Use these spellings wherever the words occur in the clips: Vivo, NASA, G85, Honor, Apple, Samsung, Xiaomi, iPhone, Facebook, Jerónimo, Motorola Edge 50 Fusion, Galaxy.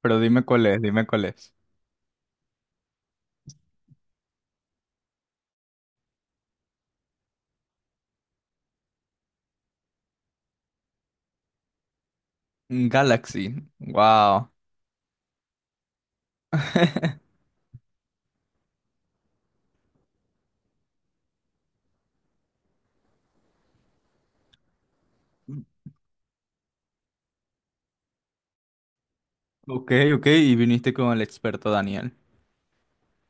Pero dime cuál es, dime cuál es. Mm, Galaxy. Wow. Ok, ok, y viniste con el experto Daniel.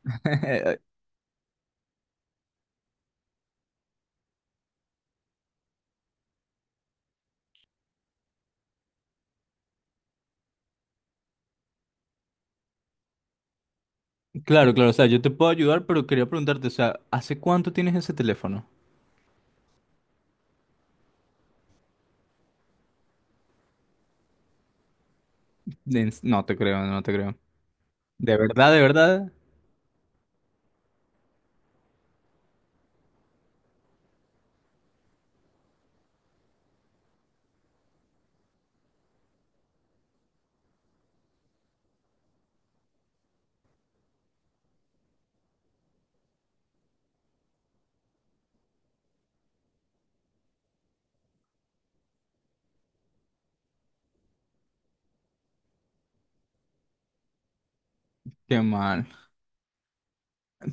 Claro, claro, o sea, yo te puedo ayudar, pero quería preguntarte, o sea, ¿hace cuánto tienes ese teléfono? No te creo, no te creo. ¿De verdad, de verdad? Qué mal.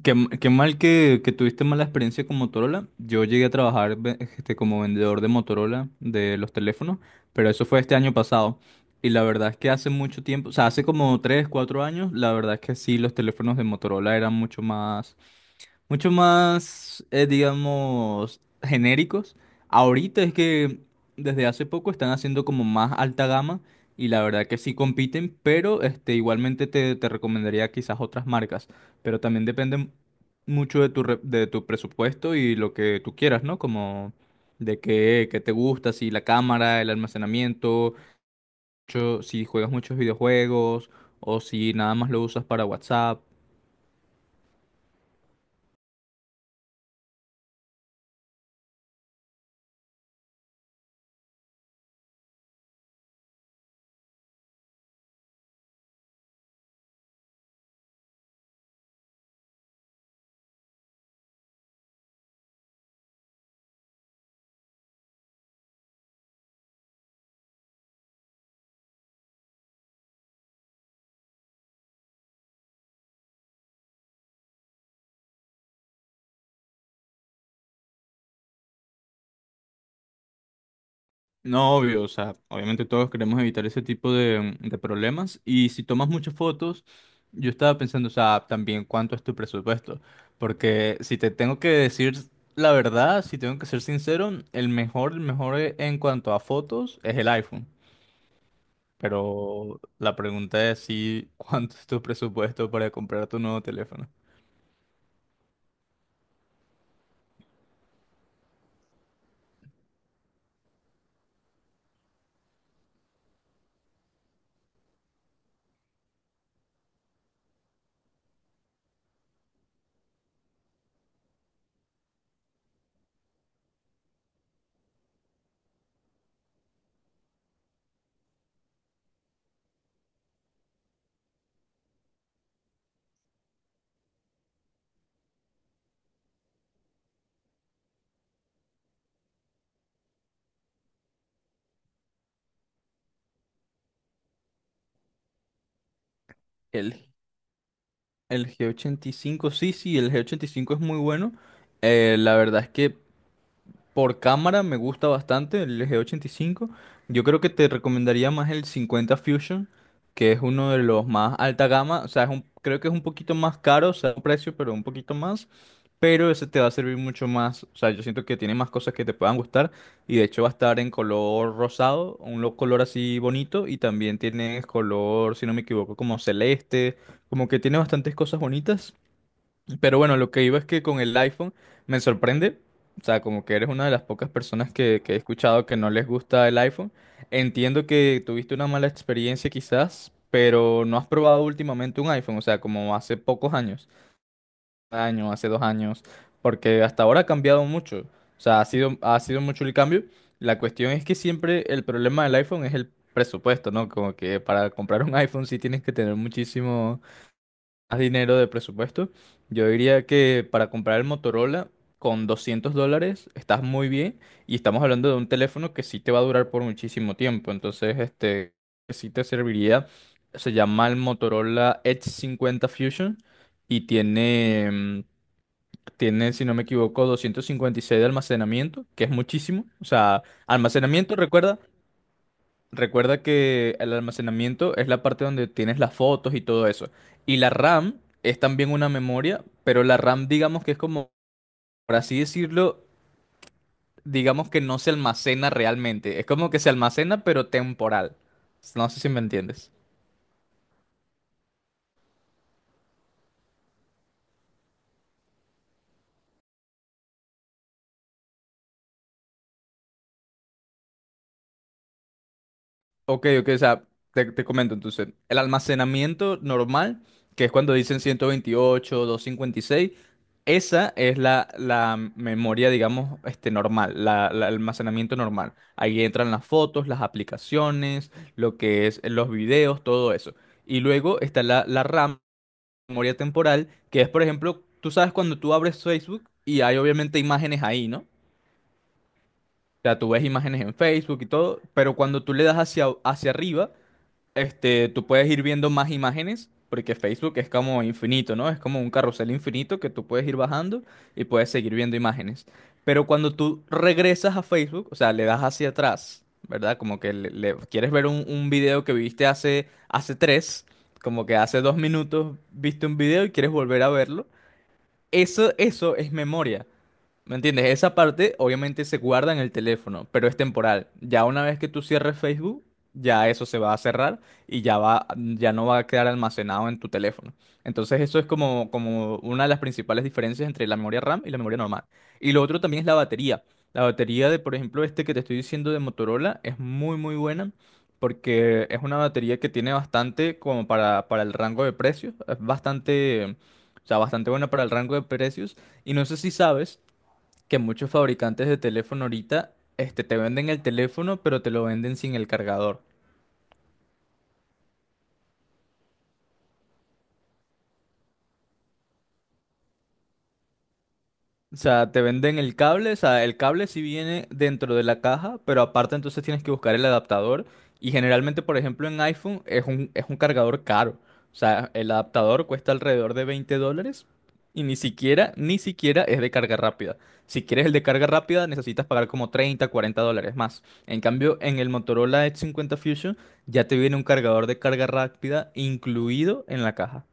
Qué mal que tuviste mala experiencia con Motorola. Yo llegué a trabajar como vendedor de Motorola de los teléfonos, pero eso fue este año pasado. Y la verdad es que hace mucho tiempo, o sea, hace como 3, 4 años, la verdad es que sí, los teléfonos de Motorola eran mucho más, digamos, genéricos. Ahorita es que desde hace poco están haciendo como más alta gama y la verdad que sí compiten, pero este, igualmente te recomendaría quizás otras marcas, pero también depende mucho de tu de tu presupuesto y lo que tú quieras, ¿no? Como de qué, qué te gusta, si la cámara, el almacenamiento, si juegas muchos videojuegos o si nada más lo usas para WhatsApp. No, obvio, o sea, obviamente todos queremos evitar ese tipo de problemas, y si tomas muchas fotos, yo estaba pensando, o sea, también cuánto es tu presupuesto, porque si te tengo que decir la verdad, si tengo que ser sincero, el mejor, el mejor en cuanto a fotos es el iPhone, pero la pregunta es si cuánto es tu presupuesto para comprar tu nuevo teléfono. El, el G85, sí, sí, el G85 es muy bueno. La verdad es que por cámara me gusta bastante el G85. Yo creo que te recomendaría más el 50 Fusion, que es uno de los más alta gama. O sea, creo que es un poquito más caro, o sea, un precio, pero un poquito más. Pero ese te va a servir mucho más. O sea, yo siento que tiene más cosas que te puedan gustar. Y de hecho va a estar en color rosado, un color así bonito. Y también tiene color, si no me equivoco, como celeste. Como que tiene bastantes cosas bonitas. Pero bueno, lo que iba es que con el iPhone me sorprende, o sea, como que eres una de las pocas personas que he escuchado que no les gusta el iPhone. Entiendo que tuviste una mala experiencia quizás, pero no has probado últimamente un iPhone, o sea, como hace pocos años, un año, hace dos años, porque hasta ahora ha cambiado mucho, o sea, ha sido mucho el cambio. La cuestión es que siempre el problema del iPhone es el presupuesto, ¿no? Como que para comprar un iPhone sí tienes que tener muchísimo más dinero de presupuesto, yo diría que para comprar el Motorola con $200 estás muy bien y estamos hablando de un teléfono que sí te va a durar por muchísimo tiempo. Entonces, este, que sí te serviría. Se llama el Motorola Edge 50 Fusion y tiene, tiene, si no me equivoco, 256 de almacenamiento, que es muchísimo. O sea, almacenamiento, recuerda, recuerda que el almacenamiento es la parte donde tienes las fotos y todo eso. Y la RAM es también una memoria, pero la RAM digamos que es como, por así decirlo, digamos que no se almacena realmente. Es como que se almacena pero temporal. No sé si me entiendes. Ok, ok, o sea, te comento entonces, el almacenamiento normal, que es cuando dicen 128, 256, esa es la, la memoria, digamos, este, normal, la el almacenamiento normal. Ahí entran las fotos, las aplicaciones, lo que es los videos, todo eso. Y luego está la RAM, memoria temporal, que es, por ejemplo, tú sabes cuando tú abres Facebook y hay obviamente imágenes ahí, ¿no? O sea, tú ves imágenes en Facebook y todo, pero cuando tú le das hacia, hacia arriba este, tú puedes ir viendo más imágenes, porque Facebook es como infinito, ¿no? Es como un carrusel infinito que tú puedes ir bajando y puedes seguir viendo imágenes. Pero cuando tú regresas a Facebook, o sea, le das hacia atrás, ¿verdad? Como que quieres ver un video que viste hace, hace tres, como que hace dos minutos viste un video y quieres volver a verlo. Eso es memoria. ¿Me entiendes? Esa parte obviamente se guarda en el teléfono, pero es temporal. Ya una vez que tú cierres Facebook, ya eso se va a cerrar y ya va, ya no va a quedar almacenado en tu teléfono. Entonces eso es como, como una de las principales diferencias entre la memoria RAM y la memoria normal. Y lo otro también es la batería. La batería de, por ejemplo, este que te estoy diciendo de Motorola es muy, muy buena porque es una batería que tiene bastante como para el rango de precios. Es bastante, o sea, bastante buena para el rango de precios. Y no sé si sabes que muchos fabricantes de teléfono ahorita, este, te venden el teléfono, pero te lo venden sin el cargador. O sea, te venden el cable, o sea, el cable sí viene dentro de la caja, pero aparte entonces tienes que buscar el adaptador. Y generalmente, por ejemplo, en iPhone es un cargador caro. O sea, el adaptador cuesta alrededor de $20 y ni siquiera, ni siquiera es de carga rápida. Si quieres el de carga rápida, necesitas pagar como 30, $40 más. En cambio, en el Motorola Edge 50 Fusion ya te viene un cargador de carga rápida incluido en la caja.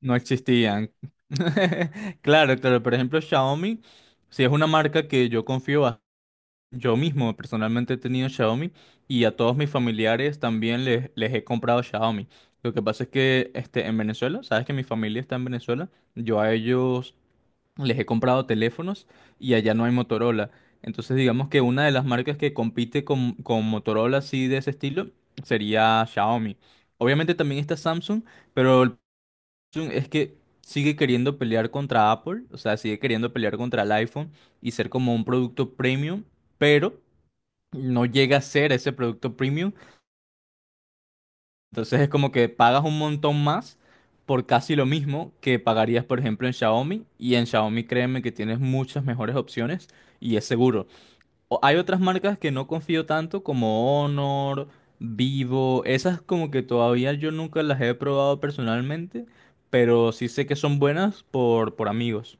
No existían. Claro, claro. Por ejemplo, Xiaomi, si es una marca que yo confío a, yo mismo personalmente he tenido Xiaomi y a todos mis familiares también les he comprado Xiaomi. Lo que pasa es que este, en Venezuela, sabes que mi familia está en Venezuela, yo a ellos les he comprado teléfonos y allá no hay Motorola. Entonces digamos que una de las marcas que compite con Motorola así de ese estilo sería Xiaomi. Obviamente también está Samsung. Pero Samsung es que sigue queriendo pelear contra Apple, o sea, sigue queriendo pelear contra el iPhone y ser como un producto premium, pero no llega a ser ese producto premium. Entonces es como que pagas un montón más por casi lo mismo que pagarías, por ejemplo, en Xiaomi. Y en Xiaomi, créeme que tienes muchas mejores opciones y es seguro. O- hay otras marcas que no confío tanto como Honor, Vivo, esas como que todavía yo nunca las he probado personalmente, pero sí sé que son buenas por amigos.